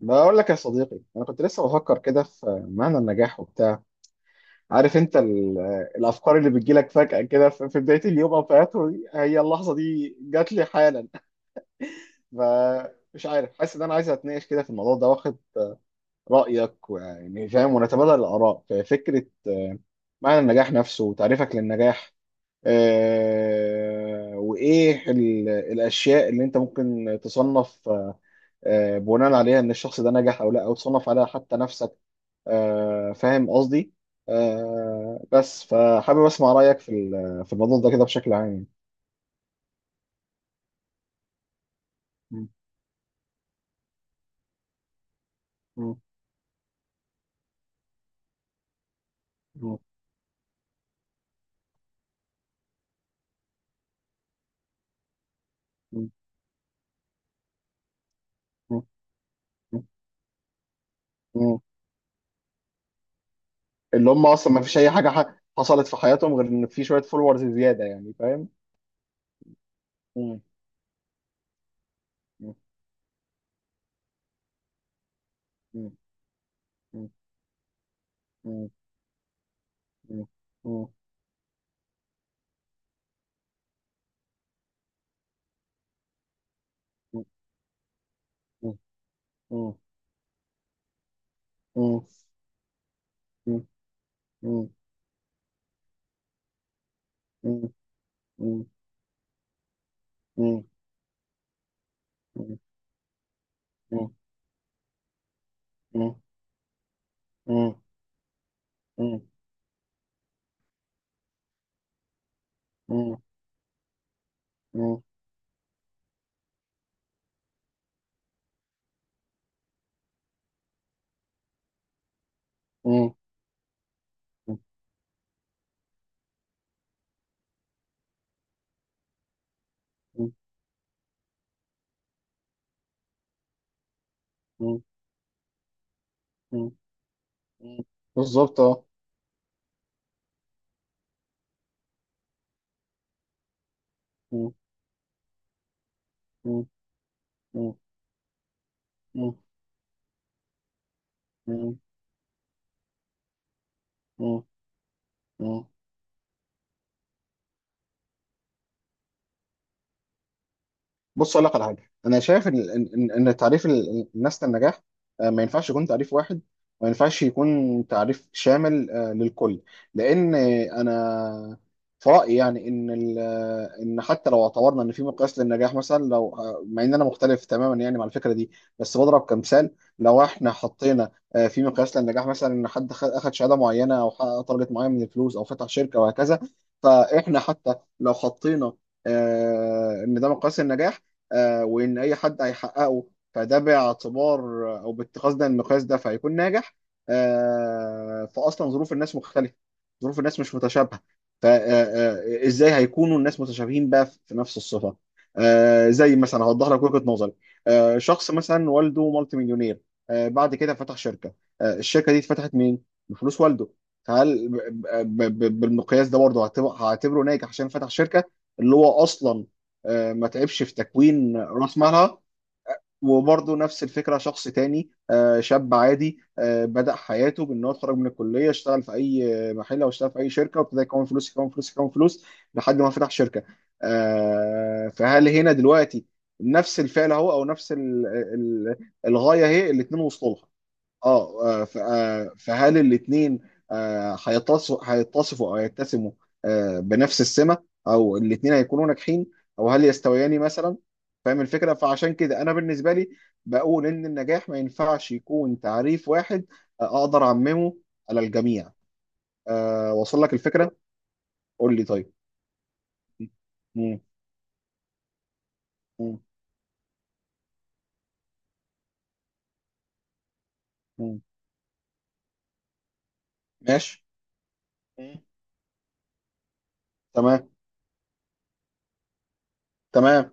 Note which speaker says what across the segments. Speaker 1: بقول لك يا صديقي، انا كنت لسه بفكر كده في معنى النجاح وبتاع. عارف انت الافكار اللي بتجيلك فجأة كده في بداية اليوم او في اخره دي، هي اللحظة دي جات لي حالا. فمش عارف، حاسس ان انا عايز اتناقش كده في الموضوع ده واخد رأيك، ويعني فاهم، ونتبادل الاراء في فكرة معنى النجاح نفسه وتعريفك للنجاح. وايه الاشياء اللي انت ممكن تصنف بناء عليها ان الشخص ده نجح او لا، او تصنف عليها حتى نفسك. فاهم قصدي. بس فحابب اسمع رايك في في الموضوع ده كده بشكل عام يعني. م-. م-. م-. م-. م-. م-. م. اللي هم اصلا ما فيش اي حاجه حصلت في حياتهم غير ان في شويه فولورز زياده، يعني فاهم. م-. م-. م-. م-. م-. م-. م-. م-. م-. م-. م-. م-. م-. م-. م-. م-. م-. م-. م-. م-. م-. م-. م-. م-. م-. م-. م-. بالظبط، اه. مم. مم. مم. مم. مم. مم. بص اقول لك على حاجه. انا شايف ان ان إن- إن تعريف الناس للنجاح ما ينفعش يكون تعريف واحد. ما ينفعش يكون تعريف شامل للكل. لان انا في رايي يعني ان ان حتى لو اعتبرنا ان في مقياس للنجاح مثلا، لو مع ان انا مختلف تماما يعني مع الفكره دي، بس بضرب كمثال، لو احنا حطينا في مقياس للنجاح مثلا ان حد اخد شهاده معينه او حقق تارجت معين من الفلوس او فتح شركه وهكذا. فاحنا حتى لو حطينا ان ده مقياس النجاح، وان اي حد هيحققه، فده باعتبار او باتخاذ ده المقياس ده فهيكون ناجح. فاصلا ظروف الناس مختلفه. ظروف الناس مش متشابهه. فازاي هيكونوا الناس متشابهين بقى في نفس الصفه؟ زي مثلا هوضح لك وجهه نظري. شخص مثلا والده مالتي مليونير، بعد كده فتح شركه. الشركه دي اتفتحت مين؟ بفلوس والده. فهل بالمقياس ده برضه هعتبره ناجح عشان فتح شركه، اللي هو اصلا ما تعبش في تكوين راس مالها؟ وبرضه نفس الفكره، شخص تاني شاب عادي بدأ حياته بان هو اتخرج من الكليه، اشتغل في اي محل او اشتغل في اي شركه وابتدى يكون فلوس يكون فلوس يكون فلوس لحد ما فتح شركه. فهل هنا دلوقتي نفس الفعل اهو، او نفس ال- الغايه هي، الاتنين وصلوا لها؟ فهل الاثنين هيتصفوا او يتسموا بنفس السمه، او الاثنين هيكونوا ناجحين، او هل يستويان مثلا؟ فاهم الفكره؟ فعشان كده انا بالنسبه لي بقول ان النجاح ما ينفعش يكون تعريف واحد اقدر اعممه على الجميع. وصل لك الفكره؟ قول لي طيب. مم. مم. مم. ماشي. مم. تمام. تمام.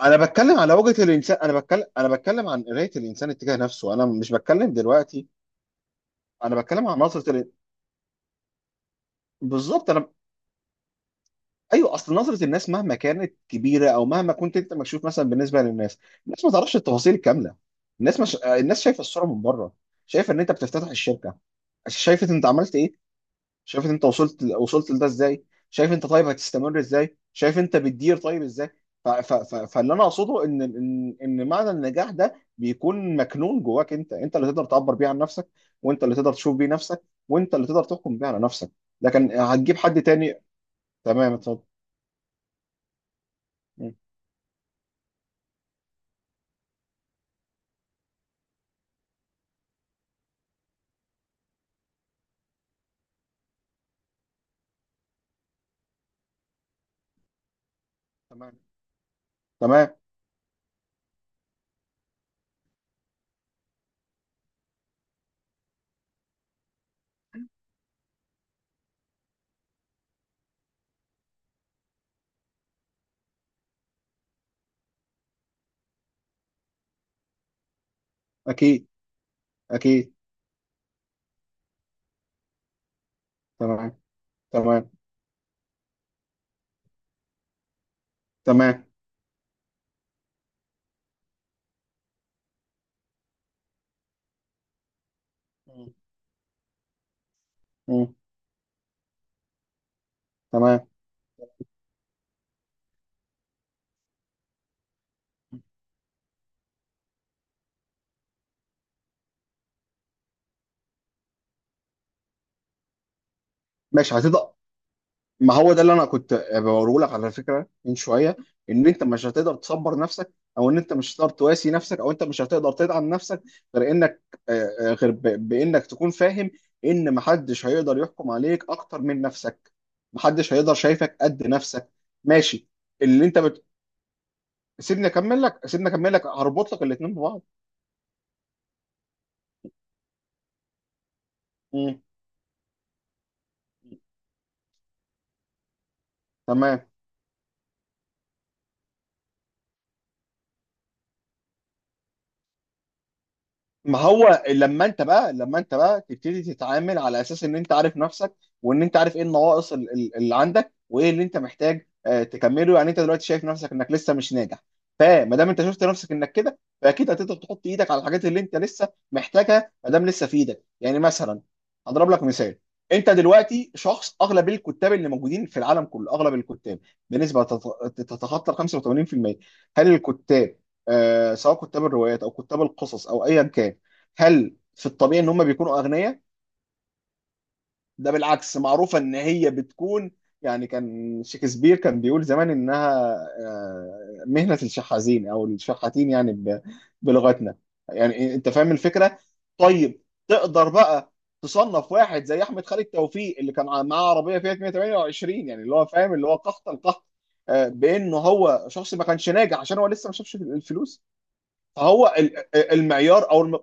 Speaker 1: انا بتكلم على وجهة الانسان انا بتكلم انا بتكلم عن قراية الانسان اتجاه نفسه، انا مش بتكلم دلوقتي. انا بتكلم عن نظره بالظبط. انا. ايوه، اصل نظره الناس مهما كانت كبيره، او مهما كنت انت مكشوف مثلا بالنسبه للناس، الناس ما تعرفش التفاصيل الكامله. الناس مش... الناس شايفه الصوره من بره. شايفه ان انت بتفتتح الشركه، شايفه انت عملت ايه، شايف انت وصلت لده ازاي، شايف انت طيب هتستمر ازاي، شايف انت بتدير طيب ازاي. ف... ف... ف... فاللي انا اقصده ان معنى النجاح ده بيكون مكنون جواك. انت انت اللي تقدر تعبر بيه عن نفسك، وانت اللي تقدر تشوف بيه نفسك، وانت اللي تقدر تحكم بيه على نفسك. لكن هتجيب حد تاني؟ تمام، اتفضل. مم. تمام. تمام. اكيد. اكيد. تمام. تمام. تمام. مم. مم. تمام. ماشي، هتقدر. ما هو ده اللي انا كنت بقوله لك على فكره من شويه. ان انت مش هتقدر تصبر نفسك، او ان انت مش هتقدر تواسي نفسك، او انت مش هتقدر تدعم نفسك غير انك آه، آه، غير ب- بانك تكون فاهم ان محدش هيقدر يحكم عليك اكتر من نفسك. محدش هيقدر شايفك قد نفسك. ماشي. اللي انت بت... سيبني اكمل لك، هربط لك الاثنين ببعض. مم. تمام. ما هو لما انت بقى تبتدي تتعامل على اساس ان انت عارف نفسك، وان انت عارف ايه النواقص اللي عندك، وايه اللي انت محتاج تكمله. يعني انت دلوقتي شايف نفسك انك لسه مش ناجح، فما دام انت شفت نفسك انك كده، فاكيد هتقدر تحط ايدك على الحاجات اللي انت لسه محتاجها ما دام لسه في ايدك. يعني مثلا هضرب لك مثال، انت دلوقتي شخص، اغلب الكتاب اللي موجودين في العالم كله، اغلب الكتاب بنسبه تتخطى ال 85%، هل الكتاب سواء كتاب الروايات او كتاب القصص او ايا كان، هل في الطبيعي ان هم بيكونوا اغنياء؟ ده بالعكس، معروفه ان هي بتكون، يعني كان شكسبير كان بيقول زمان انها مهنه الشحاذين او الشحاتين يعني بلغتنا. يعني انت فاهم الفكره. طيب، تقدر بقى تصنف واحد زي احمد خالد توفيق اللي كان معاه عربيه فيها 128، يعني اللي هو فاهم، اللي هو قحط القحط، بانه هو شخص ما كانش ناجح عشان هو لسه ما شافش الفلوس؟ فهو المعيار او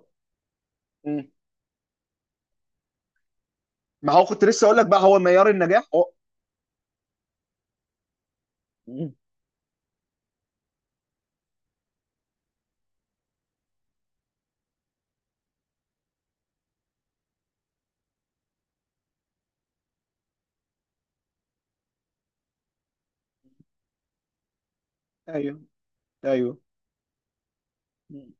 Speaker 1: ما هو كنت لسه اقول لك، بقى هو معيار النجاح هو. مم. ايوه. ايوه. مم.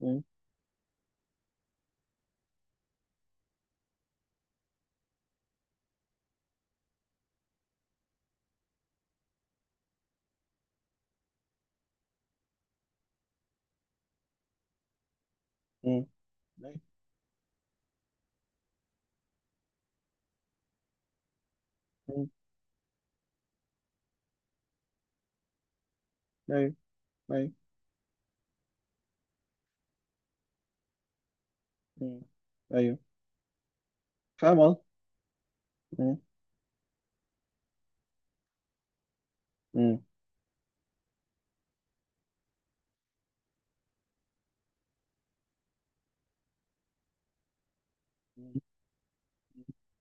Speaker 1: مم. مم. ايوه. ايوه. ايوه. مم. ايوه. فاهم قصدي؟ مم. مم.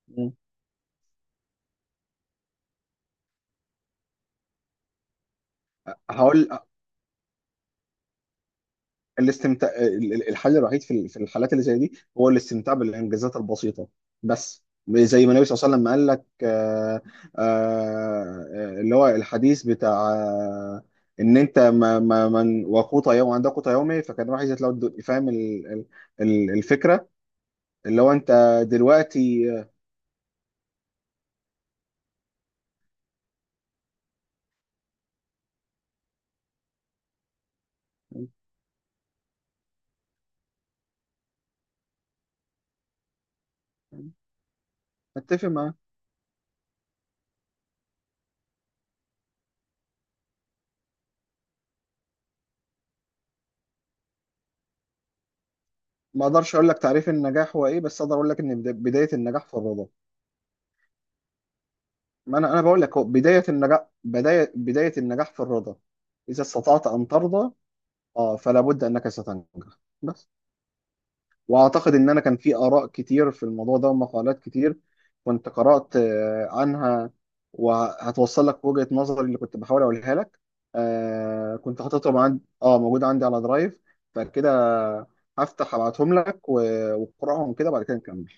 Speaker 1: مم. هقول، الاستمتاع، الحل الوحيد في في الحالات اللي زي دي هو الاستمتاع بالانجازات البسيطه بس. زي ما النبي صلى الله عليه وسلم قال لك اللي هو الحديث بتاع ان انت ما من وقوت يوم عند قوت يومي فكان راح يزيد، لو فاهم الفكره. اللي هو انت دلوقتي اتفق معاه. ما اقدرش اقول لك تعريف النجاح هو ايه، بس اقدر اقول لك ان بدايه النجاح في الرضا. ما انا بقول لك هو بدايه النجاح، بدايه النجاح في الرضا. اذا استطعت ان ترضى، اه، فلا بد انك ستنجح. بس. واعتقد ان انا كان في اراء كتير في الموضوع ده ومقالات كتير كنت قرات عنها، وهتوصل لك وجهه نظري اللي كنت بحاول اقولها لك. آه، كنت حاططهم عندي، اه، موجود عندي على درايف. فكده هفتح ابعتهم لك، واقراهم كده بعد كده نكمل.